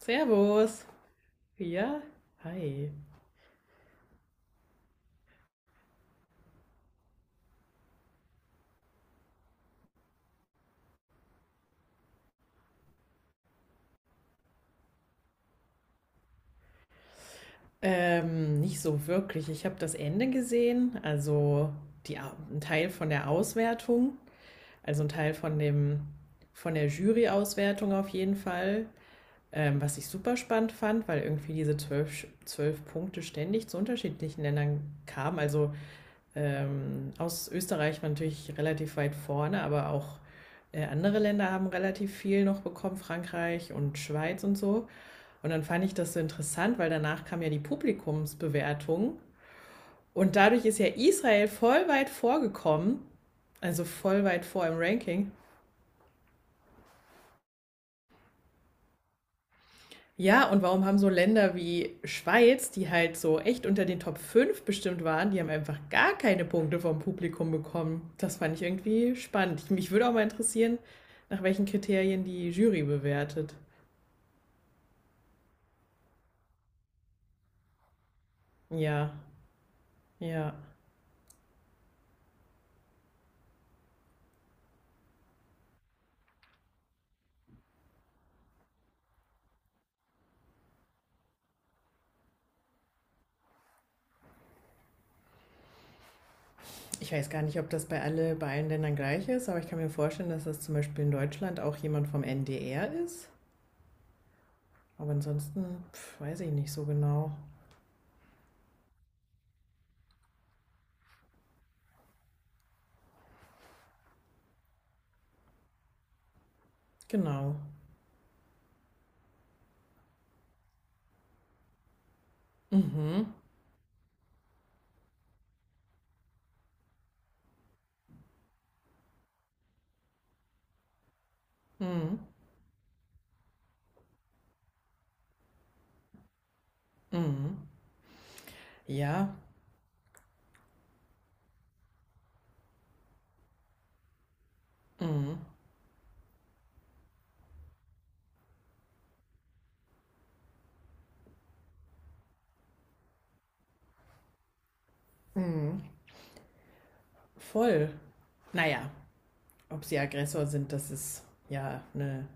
Servus. Ja, hi. Nicht so wirklich. Ich habe das Ende gesehen, also ein Teil von der Auswertung, also ein Teil von dem, von der Jury-Auswertung auf jeden Fall, was ich super spannend fand, weil irgendwie diese zwölf Punkte ständig zu unterschiedlichen Ländern kamen. Aus Österreich war natürlich relativ weit vorne, aber auch andere Länder haben relativ viel noch bekommen, Frankreich und Schweiz und so. Und dann fand ich das so interessant, weil danach kam ja die Publikumsbewertung und dadurch ist ja Israel voll weit vorgekommen, also voll weit vor im Ranking. Ja, und warum haben so Länder wie Schweiz, die halt so echt unter den Top 5 bestimmt waren, die haben einfach gar keine Punkte vom Publikum bekommen? Das fand ich irgendwie spannend. Mich würde auch mal interessieren, nach welchen Kriterien die Jury bewertet. Ja, ja. Ich weiß gar nicht, ob das bei allen Ländern gleich ist, aber ich kann mir vorstellen, dass das zum Beispiel in Deutschland auch jemand vom NDR ist. Aber ansonsten, pf, weiß ich nicht so genau. Genau. Mhm. Mhm. Mhm. Ja. Mhm. Mhm. Voll. Naja, ob sie Aggressor sind, das ist ja ne,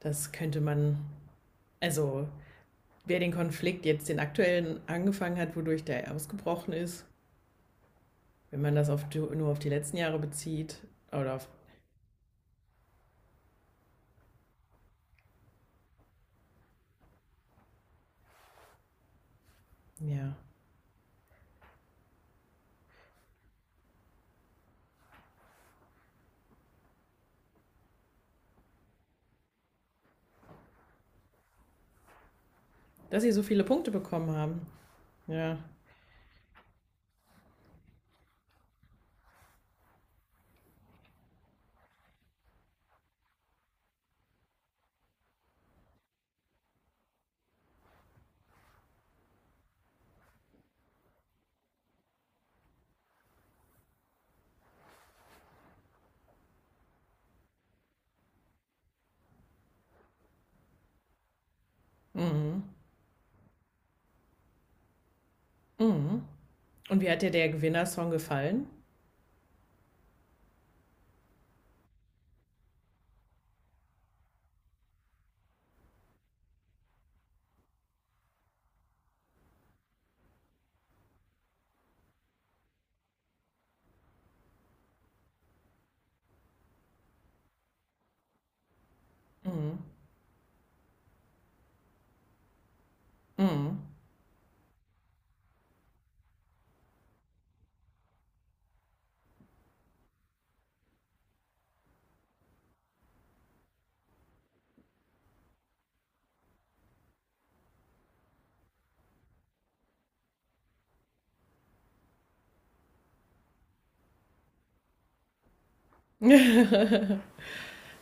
das könnte man, also wer den Konflikt jetzt den aktuellen angefangen hat, wodurch der ausgebrochen ist, wenn man das nur auf die letzten Jahre bezieht oder auf, ja, dass sie so viele Punkte bekommen haben. Ja. Mhm. Mhm. Und wie hat dir der Gewinnersong gefallen? Mhm. Mhm.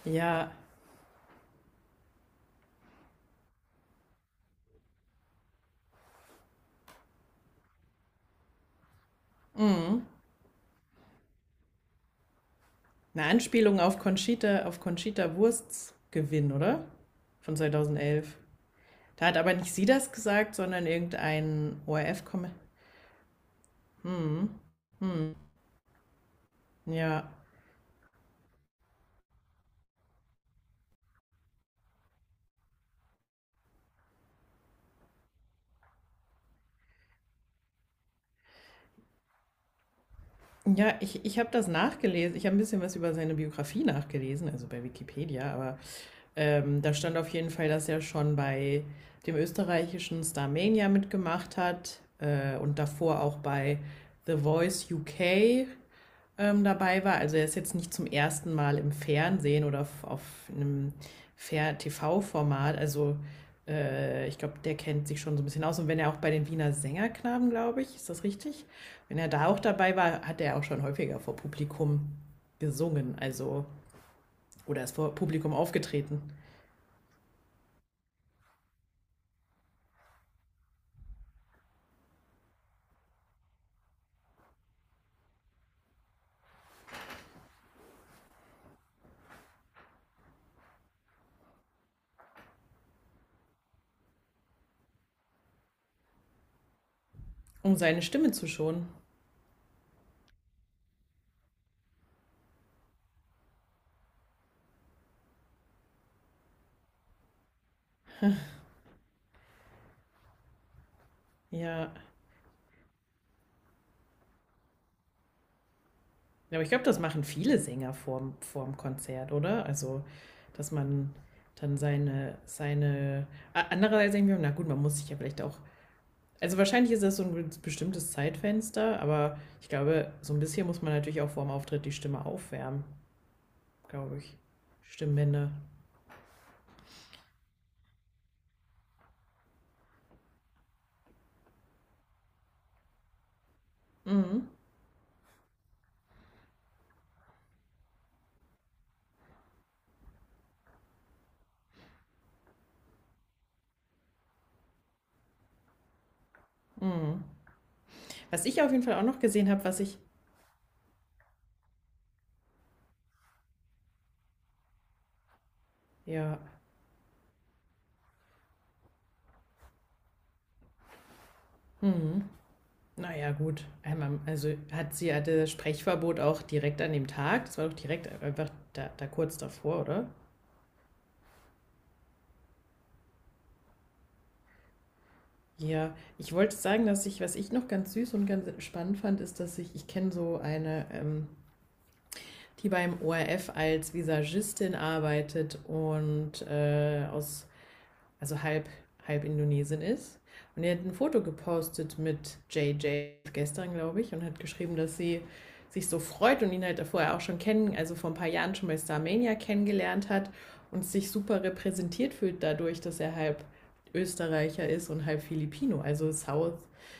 Ja, eine Anspielung auf Conchita Wursts Gewinn, oder? Von 2011. Da hat aber nicht sie das gesagt, sondern irgendein ORF-Kommentar. Ja. Ja, ich habe das nachgelesen. Ich habe ein bisschen was über seine Biografie nachgelesen, also bei Wikipedia, aber da stand auf jeden Fall, dass er schon bei dem österreichischen Starmania mitgemacht hat und davor auch bei The Voice UK dabei war. Also er ist jetzt nicht zum ersten Mal im Fernsehen oder auf einem Fer- TV-Format. Also ich glaube, der kennt sich schon so ein bisschen aus. Und wenn er auch bei den Wiener Sängerknaben, glaube ich, ist das richtig? Wenn er da auch dabei war, hat er auch schon häufiger vor Publikum gesungen. Also, oder ist vor Publikum aufgetreten, um seine Stimme zu schonen. Ja, ja, aber ich glaube, das machen viele Sänger vorm Konzert, oder? Also, dass man dann seine. A- Andererseits denke ich mir, na gut, man muss sich ja vielleicht auch. Also, wahrscheinlich ist das so ein bestimmtes Zeitfenster, aber ich glaube, so ein bisschen muss man natürlich auch vorm Auftritt die Stimme aufwärmen, glaube ich. Stimmbänder. Mhm. Was ich auf jeden Fall auch noch gesehen habe, was ich. Ja. Mhm. Naja, gut. Einmal, also hatte Sprechverbot auch direkt an dem Tag. Das war doch direkt einfach da kurz davor, oder? Ja, ich wollte sagen, dass ich, was ich noch ganz süß und ganz spannend fand, ist, dass ich kenne so eine, die beim ORF als Visagistin arbeitet und aus also halb, halb Indonesien ist. Und er hat ein Foto gepostet mit JJ gestern, glaube ich, und hat geschrieben, dass sie sich so freut und ihn halt vorher auch schon kennen, also vor ein paar Jahren schon bei Starmania kennengelernt hat und sich super repräsentiert fühlt dadurch, dass er halb Österreicher ist und halb Filipino,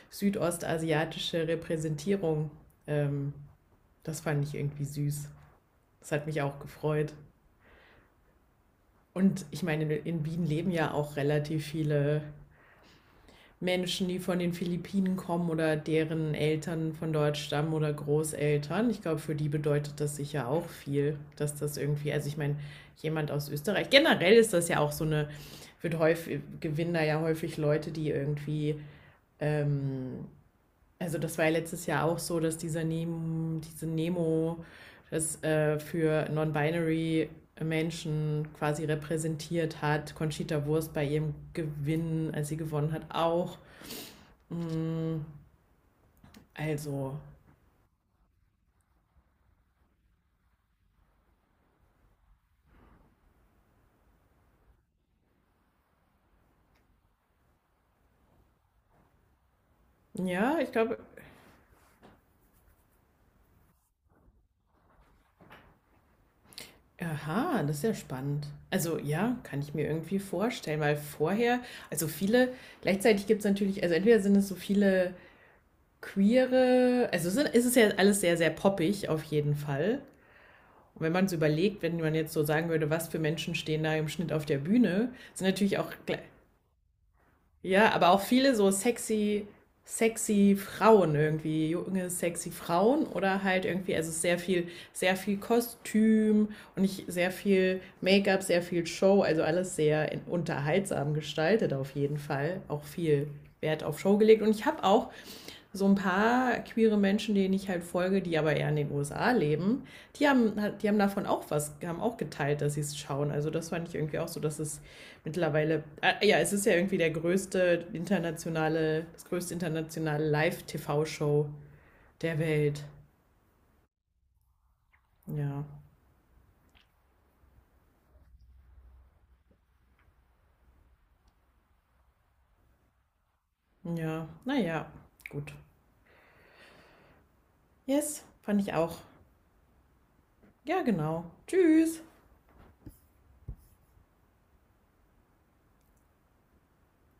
südostasiatische Repräsentierung. Ähm, Das fand ich irgendwie süß. Das hat mich auch gefreut. Und ich meine, in Wien leben ja auch relativ viele Menschen, die von den Philippinen kommen oder deren Eltern von dort stammen oder Großeltern. Ich glaube, für die bedeutet das sicher auch viel, dass das irgendwie, also ich meine, jemand aus Österreich, generell ist das ja auch so eine, wird häufig, gewinnen da ja häufig Leute, die irgendwie, ähm, also das war ja letztes Jahr auch so, dass diese Nemo, das für Non-Binary Menschen quasi repräsentiert hat. Conchita Wurst bei ihrem Gewinn, als sie gewonnen hat, auch. Hm, also, ja, ich glaube, aha, das ist ja spannend. Also, ja, kann ich mir irgendwie vorstellen, weil vorher, also viele, gleichzeitig gibt es natürlich, also entweder sind es so viele queere, ist es ist ja alles sehr, sehr poppig auf jeden Fall. Und wenn man es überlegt, wenn man jetzt so sagen würde, was für Menschen stehen da im Schnitt auf der Bühne, sind natürlich auch gl- Ja, aber auch viele so sexy, sexy Frauen irgendwie, junge, sexy Frauen oder halt irgendwie, also sehr viel Kostüm und sehr viel Make-up, sehr viel Show, also alles sehr unterhaltsam gestaltet auf jeden Fall. Auch viel Wert auf Show gelegt. Und ich habe auch so ein paar queere Menschen, denen ich halt folge, die aber eher in den USA leben, die haben, die haben davon auch was, haben auch geteilt, dass sie es schauen. Also das fand ich irgendwie auch so, dass es mittlerweile, ja, es ist ja irgendwie der größte internationale, das größte internationale Live-TV-Show der Welt. Ja, ja, naja, gut. Yes, fand ich auch. Ja, genau. Tschüss.